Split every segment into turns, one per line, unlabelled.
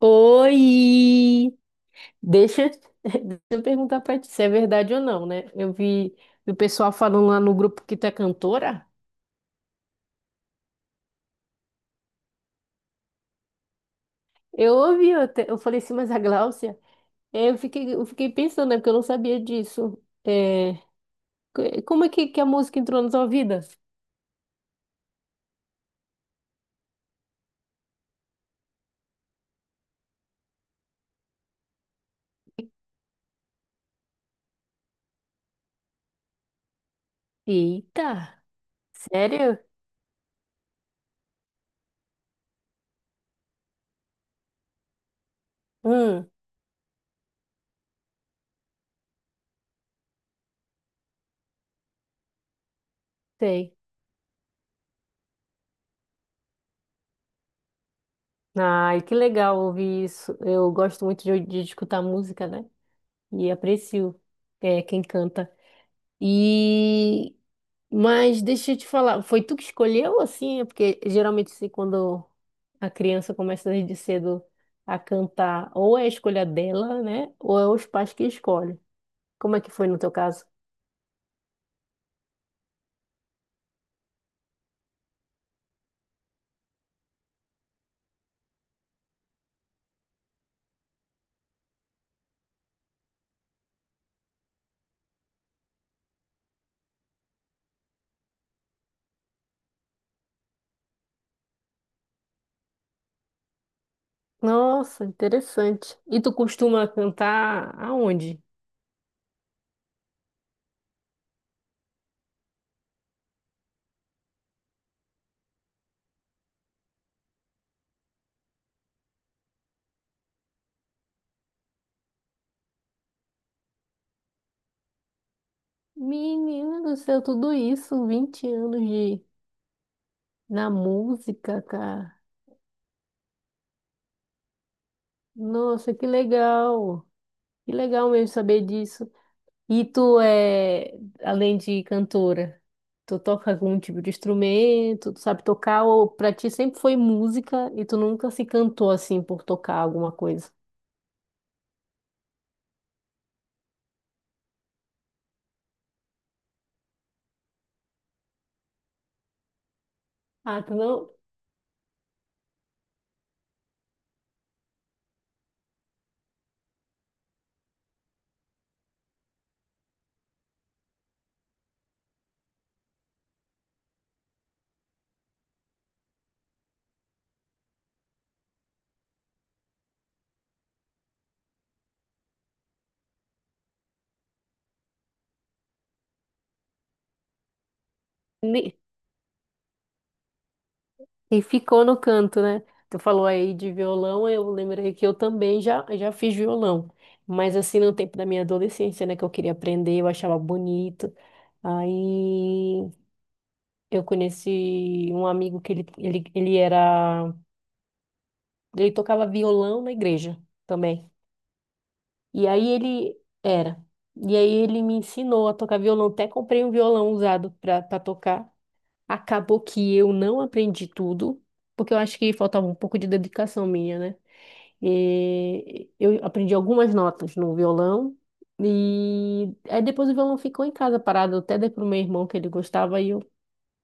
Oi! Deixa, deixa eu perguntar pra ti se é verdade ou não, né? Eu vi o pessoal falando lá no grupo que tu é cantora. Eu ouvi, eu, eu falei assim, mas a Gláucia? É, eu fiquei, eu fiquei pensando, né? Porque eu não sabia disso. É, como é que a música entrou na tua vida? Eita! Sério? Hum, sei. Ai, que legal ouvir isso. Eu gosto muito de escutar música, né? E aprecio, é, quem canta. E. Mas deixa eu te falar, foi tu que escolheu assim? É. Porque geralmente assim, quando a criança começa desde cedo a cantar, ou é a escolha dela, né? Ou é os pais que escolhem. Como é que foi no teu caso? Nossa, interessante. E tu costuma cantar aonde? Menina do céu, tudo isso, 20 anos de na música, cara. Nossa, que legal. Que legal mesmo saber disso. E tu é, além de cantora, tu toca algum tipo de instrumento, tu sabe tocar, ou pra ti sempre foi música e tu nunca se cantou assim por tocar alguma coisa? Ah, tu não. ne- E ficou no canto, né? Tu falou aí de violão, eu lembrei que eu também já, já fiz violão. Mas assim, no tempo da minha adolescência, né, que eu queria aprender, eu achava bonito. Aí eu conheci um amigo que ele era. Ele tocava violão na igreja também. E aí ele era. E aí ele me ensinou a tocar violão. Até comprei um violão usado para tocar. Acabou que eu não aprendi tudo, porque eu acho que faltava um pouco de dedicação minha, né? E eu aprendi algumas notas no violão. E aí depois o violão ficou em casa parado. Eu até dei pro meu irmão que ele gostava e eu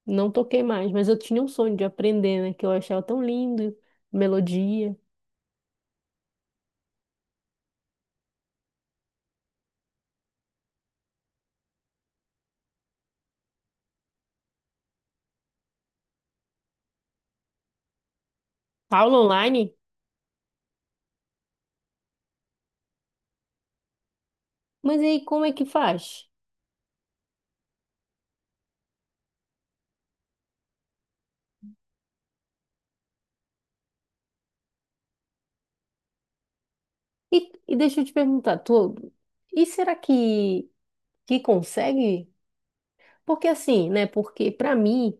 não toquei mais. Mas eu tinha um sonho de aprender, né? Que eu achava tão lindo, melodia. Aula online? Mas aí como é que faz? E, e deixa eu te perguntar, tu, e será que consegue? Porque assim, né? Porque pra mim,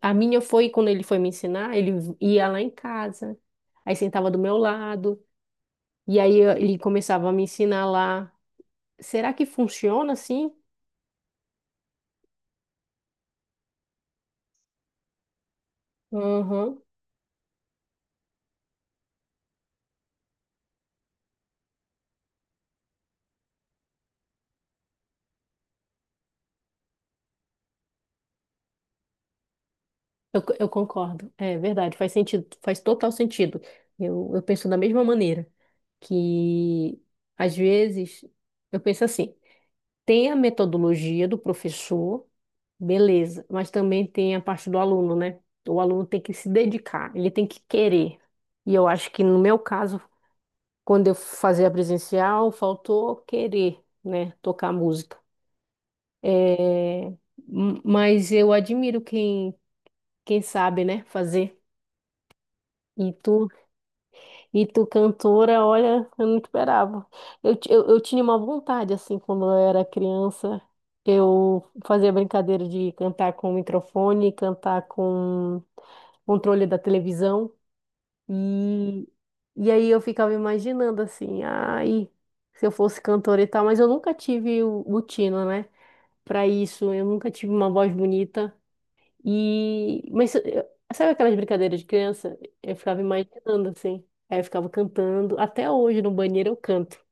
a minha foi quando ele foi me ensinar, ia lá em casa, aí sentava do meu lado, e aí ele começava a me ensinar lá. Será que funciona assim? Uhum. Eu, eu concordo. É verdade, faz sentido, faz total sentido. Eu penso da mesma maneira, que às vezes eu penso assim. Tem a metodologia do professor, beleza, mas também tem a parte do aluno, né? O aluno tem que se dedicar, ele tem que querer. E eu acho que no meu caso, quando eu fazia presencial, faltou querer, né? Tocar música. É, mas eu admiro quem, quem sabe, né? Fazer. E tu E tu cantora, olha, eu não esperava. Eu, eu tinha uma vontade, assim, quando eu era criança, eu fazia brincadeira de cantar com o microfone, cantar com controle da televisão. E, e aí eu ficava imaginando, assim, ai, se eu fosse cantora e tal, mas eu nunca tive o tino, né? Pra isso, eu nunca tive uma voz bonita. E, sabe aquelas brincadeiras de criança? Eu ficava imaginando assim. Aí eu ficava cantando. Até hoje no banheiro eu canto.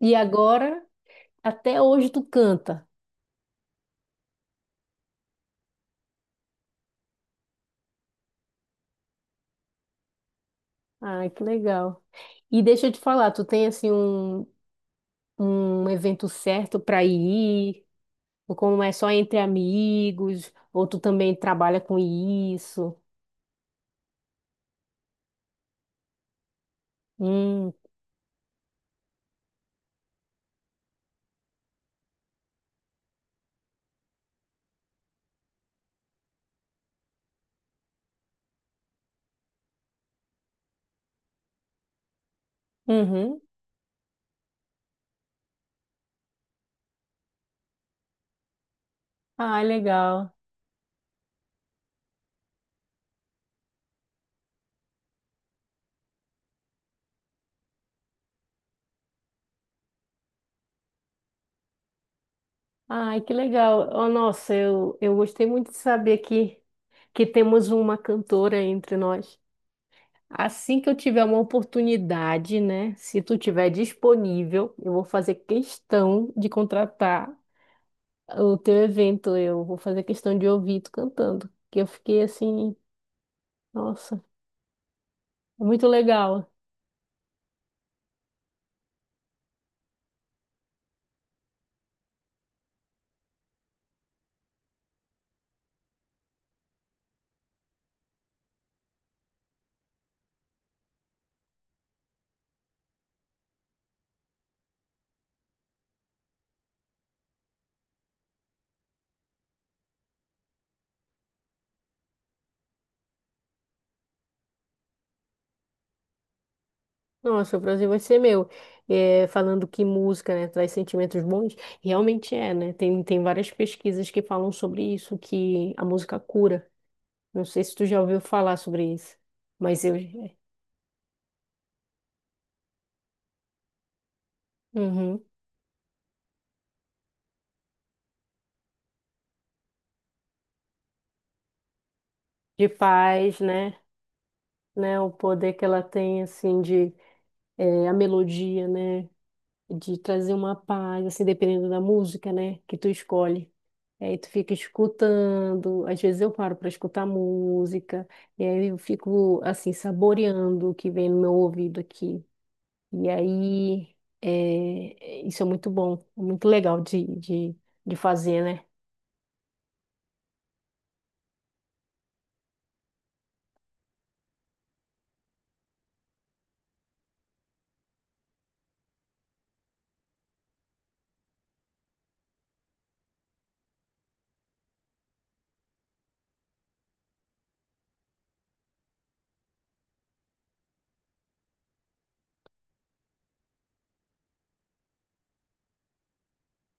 E agora, até hoje tu canta. Ai, que legal. E deixa eu te falar, tu tem assim um, um evento certo para ir? Ou como é só entre amigos? Ou tu também trabalha com isso? Hum, uhum. Ai, legal. Ai, que legal. Oh, nossa, eu gostei muito de saber que temos uma cantora entre nós. Assim que eu tiver uma oportunidade, né? Se tu tiver disponível, eu vou fazer questão de contratar o teu evento. Eu vou fazer questão de ouvir tu cantando. Que eu fiquei assim, nossa, é muito legal. Nossa, o Brasil vai ser meu. É, falando que música, né, traz sentimentos bons, realmente é, né? Tem, tem várias pesquisas que falam sobre isso, que a música cura. Não sei se tu já ouviu falar sobre isso, mas eu. Uhum. De paz, né? Né? O poder que ela tem, assim, de eh, a melodia, né? De trazer uma paz, assim, dependendo da música, né? Que tu escolhe. Aí tu fica escutando, às vezes eu paro para escutar música, e aí eu fico, assim, saboreando o que vem no meu ouvido aqui. E aí, eh, isso é muito bom, é muito legal de fazer, né?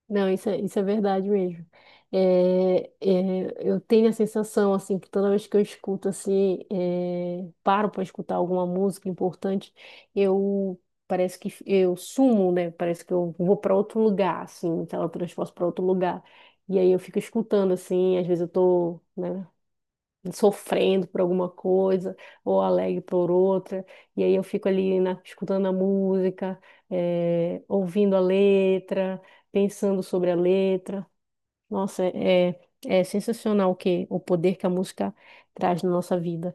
Não, isso é verdade mesmo. É, é, eu tenho a sensação, assim, que toda vez que eu escuto, assim, é, paro para escutar alguma música importante, eu parece que eu sumo, né? Parece que eu vou para outro lugar, assim, me teletransporto para outro lugar. E aí eu fico escutando, assim, às vezes eu tô, né? Sofrendo por alguma coisa, ou alegre por outra, e aí eu fico ali escutando a música, eh, ouvindo a letra, pensando sobre a letra. Nossa, é, é sensacional o que, o poder que a música traz na nossa vida.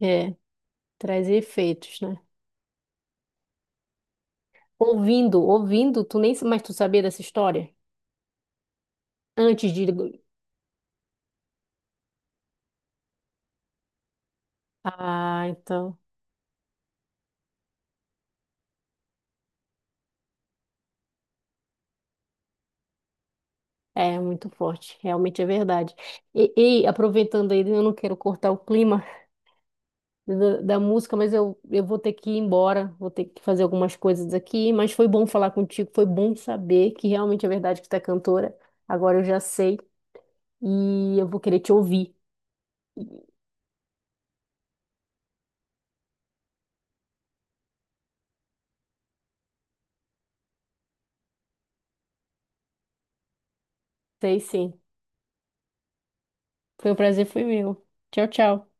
É, traz efeitos, né? Ouvindo, tu nem, mas tu sabia dessa história? Antes de... Ah, então... É muito forte, realmente é verdade. E aproveitando aí, eu não quero cortar o clima, da música, mas eu vou ter que ir embora, vou ter que fazer algumas coisas aqui, mas foi bom falar contigo, foi bom saber que realmente é verdade que tu é cantora. Agora eu já sei e eu vou querer te ouvir. Sei sim. Foi um prazer, foi meu. Tchau, tchau.